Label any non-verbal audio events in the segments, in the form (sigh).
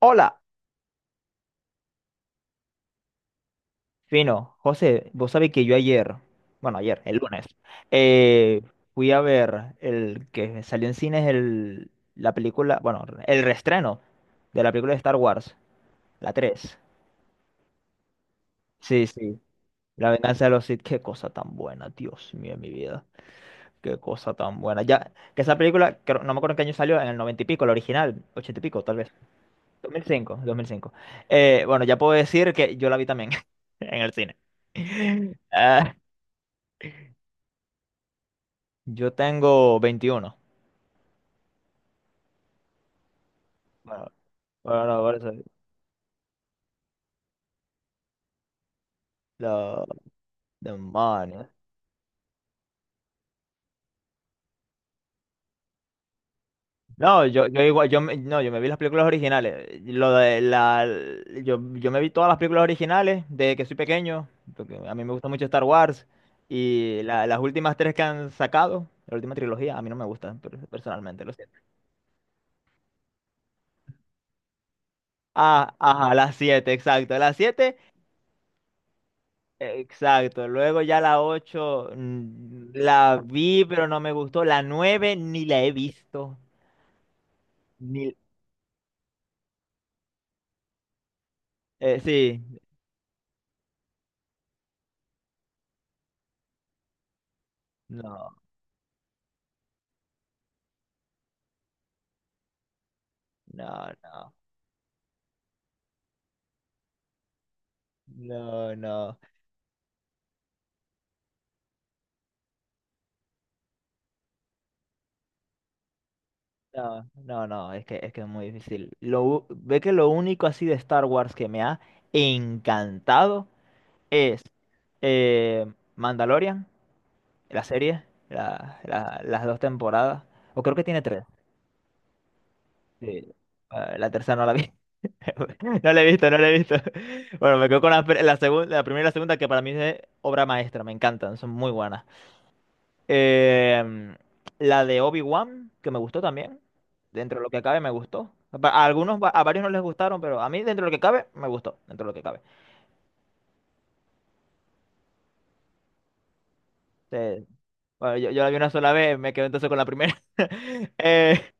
Hola, fino. José, vos sabés que yo ayer, bueno, ayer, el lunes, eh, fui a ver el que salió en cines el, la película, bueno, el reestreno de la película de Star Wars, la tres. Sí, sí. La venganza de los Sith, qué cosa tan buena, Dios mío, mi vida. Qué cosa tan buena. Ya, que esa película, no me acuerdo en qué año salió, en el noventa y pico, la original, ochenta y pico, tal vez. 2005, 2005. Bueno, ya puedo decir que yo la vi también (laughs) en el cine. (laughs) Yo tengo 21. Bueno, bueno, no, por eso. Lo... Demonios. No, yo igual, no, yo me vi las películas originales. Lo de la, yo me vi todas las películas originales desde que soy pequeño, porque a mí me gusta mucho Star Wars. Y las últimas tres que han sacado, la última trilogía, a mí no me gustan personalmente, lo siento. Ah, ajá, las siete, exacto. Las siete, exacto. Luego ya la ocho la vi, pero no me gustó. La nueve ni la he visto. Ni- sí, no, no, no, no, no, no, no, no, es que, es que es muy difícil. Ve que lo único así de Star Wars que me ha encantado es eh, Mandalorian, la serie, las dos temporadas, o creo que tiene tres. Sí. Ah, la tercera no la vi. (laughs) No la he visto, no la he visto. (laughs) Bueno, me quedo con la, la segunda, la primera y la segunda que para mí es obra maestra, me encantan, son muy buenas. Eh, la de Obi-Wan, que me gustó también. Dentro de lo que cabe, me gustó. A algunos, a varios no les gustaron, pero a mí, dentro de lo que cabe, me gustó. Dentro de lo que cabe. Eh, bueno, yo la vi una sola vez, me quedé entonces con la primera. (laughs) Eh,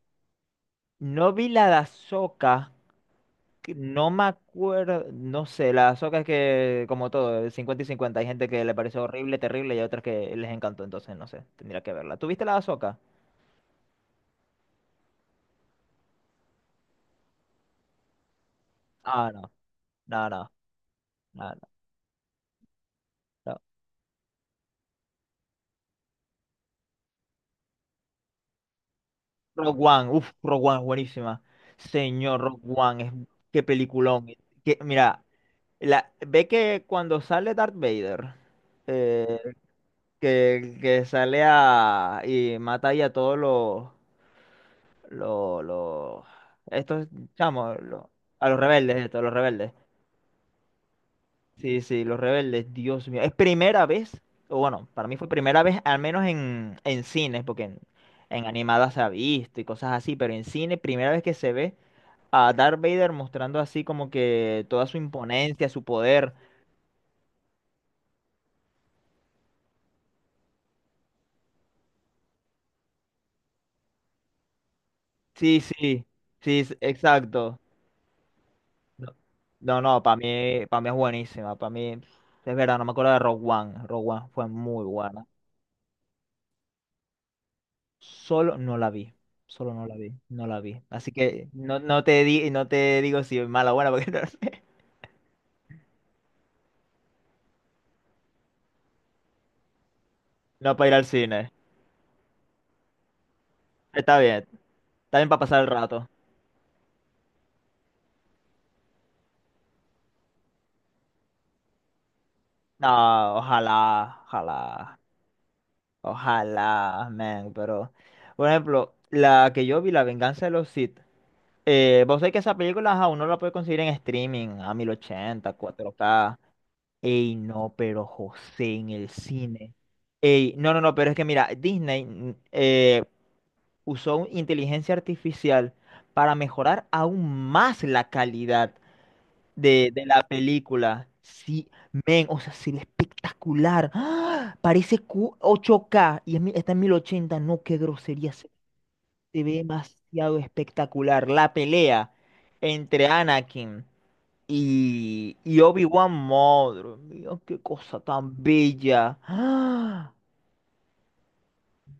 no vi la de Ahsoka, que no me acuerdo, no sé, la de Ahsoka es que, como todo, 50 y cincuenta. Hay gente que le pareció horrible, terrible, y hay otras que les encantó, entonces no sé, tendría que verla. ¿Tuviste la de Ahsoka? Ah, no, no, no, no, no. No. Rogue One, uff, Rogue One es buenísima. Señor, Rogue One, es, qué peliculón. Que, mira, la, ve que cuando sale Darth Vader, eh, que, sale a, y mata ahí a todos los, los, los- estos chamos, a los rebeldes, esto, a los rebeldes. Sí, sí, los rebeldes, Dios mío. Es primera vez, o bueno, para mí fue primera vez, al menos en cines, porque en animadas se ha visto y cosas así, pero en cine, primera vez que se ve a Darth Vader mostrando así como que toda su imponencia, su poder. Sí, sí, sí, exacto. No, no, para mí es buenísima. Para mí, es verdad, no me acuerdo de Rogue One. Rogue One fue muy buena. Solo no la vi. Solo no la vi. No la vi. Así que no, no te di, no te digo si es mala o buena, porque (laughs) no sé. No para ir al cine. Está bien. Está bien para pasar el rato. No, ojalá, ojalá. Ojalá, man, pero. Por ejemplo, la que yo vi, La Venganza de los Sith. Vos sabés que esa película ajá, uno la puede conseguir en streaming a mil ochenta cuatro k. Ey, no, pero José en el cine. Ey, no, no, no, pero es que mira, Disney usó inteligencia artificial para mejorar aún más la calidad de la película. Sí, men, o sea, se ve espectacular. ¡Ah! Parece 8K y es está en 1080. No, qué grosería. Se ve demasiado espectacular. La pelea entre Anakin y Obi-Wan, madre mía, qué cosa tan bella. ¡Ah!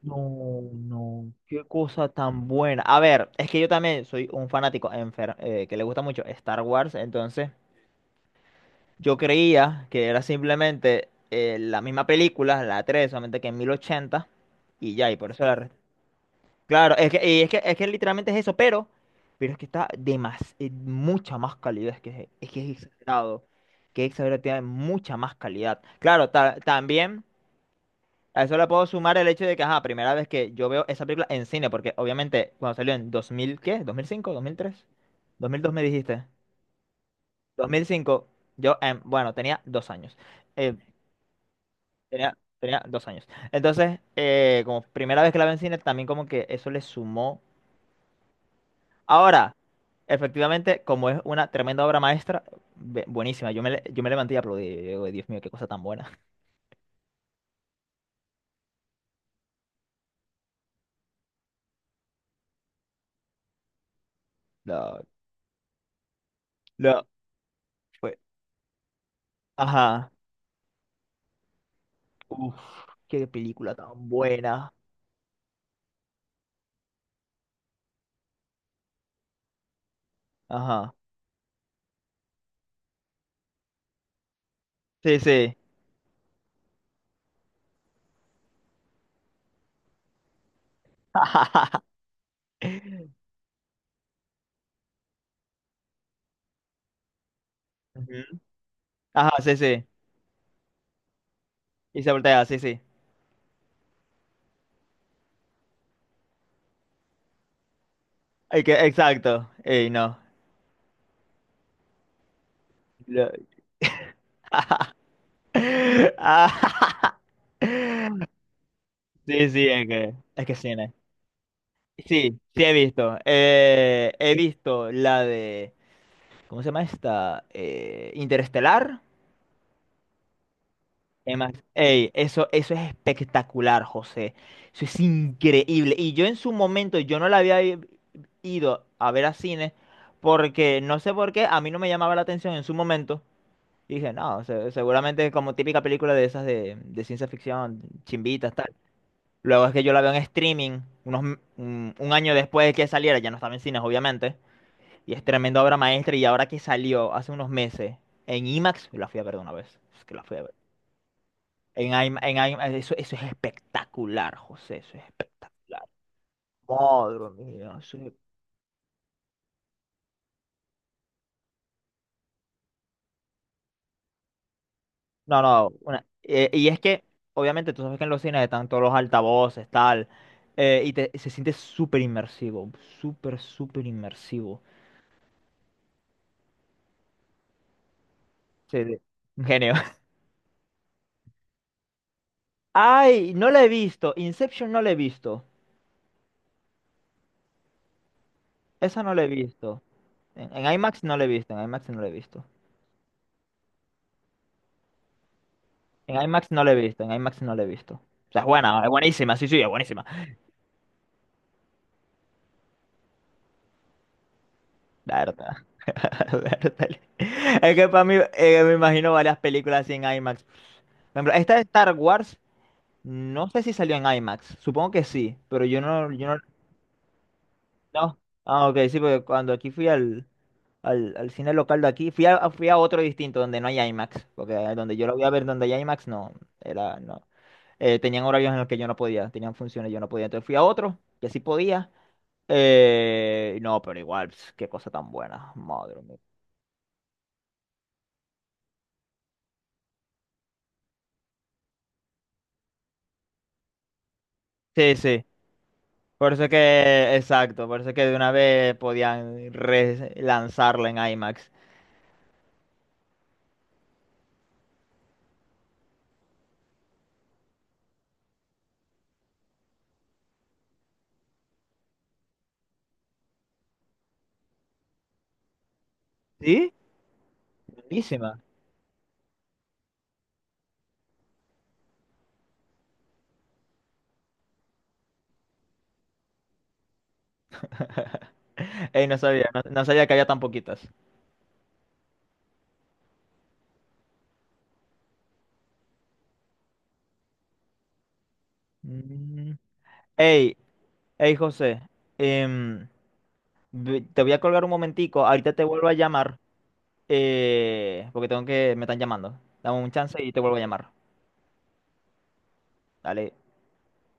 No, no, qué cosa tan buena. A ver, es que yo también soy un fanático que le gusta mucho Star Wars, entonces. Yo creía que era simplemente la misma película, la 3 solamente que en 1080 y ya, y por eso la... Claro, es que, y es que literalmente es eso, pero es que está de más, mucha más calidad, es que es, que es exagerado tiene mucha más calidad. Claro, también a eso le puedo sumar el hecho de que, ajá, primera vez que yo veo esa película en cine, porque obviamente cuando salió en 2000 ¿qué? Dos mil mil cinco ¿2003 2002 me dijiste? 2005. Yo, bueno, tenía 2 años. Eh, Tenía, tenía 2 años. Entonces, como primera vez que la vi en cine, también como que eso le sumó. Ahora, efectivamente, como es una tremenda obra maestra, buenísima. Yo me levanté y aplaudí. Yo digo, Dios mío, qué cosa tan buena. (laughs) lo lo fue. Ajá. Uf, qué película tan buena. Ajá. Sí, sí. (laughs) Ujú. Ajá, sí, sí. Y se voltea, sí, sí. Ay, que, exacto. Ey, no. Lo- (laughs) Ah, (laughs) sí, sí, es que cine. Sí, sí he visto. He visto la de, ¿cómo se llama esta? Interestelar. Es más, ey, eso es espectacular, José. Eso es increíble. Y yo en su momento, yo no la había ido a ver a cine porque no sé por qué, a mí no me llamaba la atención en su momento. Y dije, no, seguramente es como típica película de esas de ciencia ficción, chimbitas, tal. Luego es que yo la veo en streaming, un año después de que saliera, ya no estaba en cines, obviamente. Y es tremenda obra maestra. Y ahora que salió hace unos meses en IMAX, la fui a ver de una vez. Es que la fui a ver. En IMAX, eso es espectacular, José. Eso es espectacular. Madre mía. Eso no, no. Y es que, obviamente, tú sabes que en los cines están todos los altavoces, tal. Se siente súper inmersivo. Súper, súper inmersivo. Se- un genio. (laughs) Ay, no la he visto. Inception no la he visto. Esa no la he visto. En IMAX no la he visto. En IMAX no la he visto. En IMAX no la he visto, en IMAX no la he visto. O sea, es buena, es buenísima, sí, sí, es buenísima. La verdad. (laughs) Bertale. Es que para mí, me imagino varias películas así en IMAX. Por ejemplo, esta de Star Wars, no sé si salió en IMAX. Supongo que sí, pero yo no, no. Ah, ok, sí, porque cuando aquí fui al, al cine local de aquí, fui a, fui a otro distinto donde no hay IMAX, porque donde yo lo voy a ver donde hay IMAX, no, era, no. Tenían horarios en los que yo no podía, tenían funciones, yo no podía. Entonces fui a otro que sí podía. No, pero igual, pf, qué cosa tan buena, madre mía. Sí, sí, por eso que, exacto, por eso que de una vez podían relanzarla en IMAX. ¿Sí? Buenísima. (laughs) Ey, no sabía, no, no sabía que había tan poquitas. Mm. Ey, ey, José, em, te voy a colgar un momentico, ahorita te vuelvo a llamar, porque tengo que, me están llamando. Dame un chance y te vuelvo a llamar. Dale.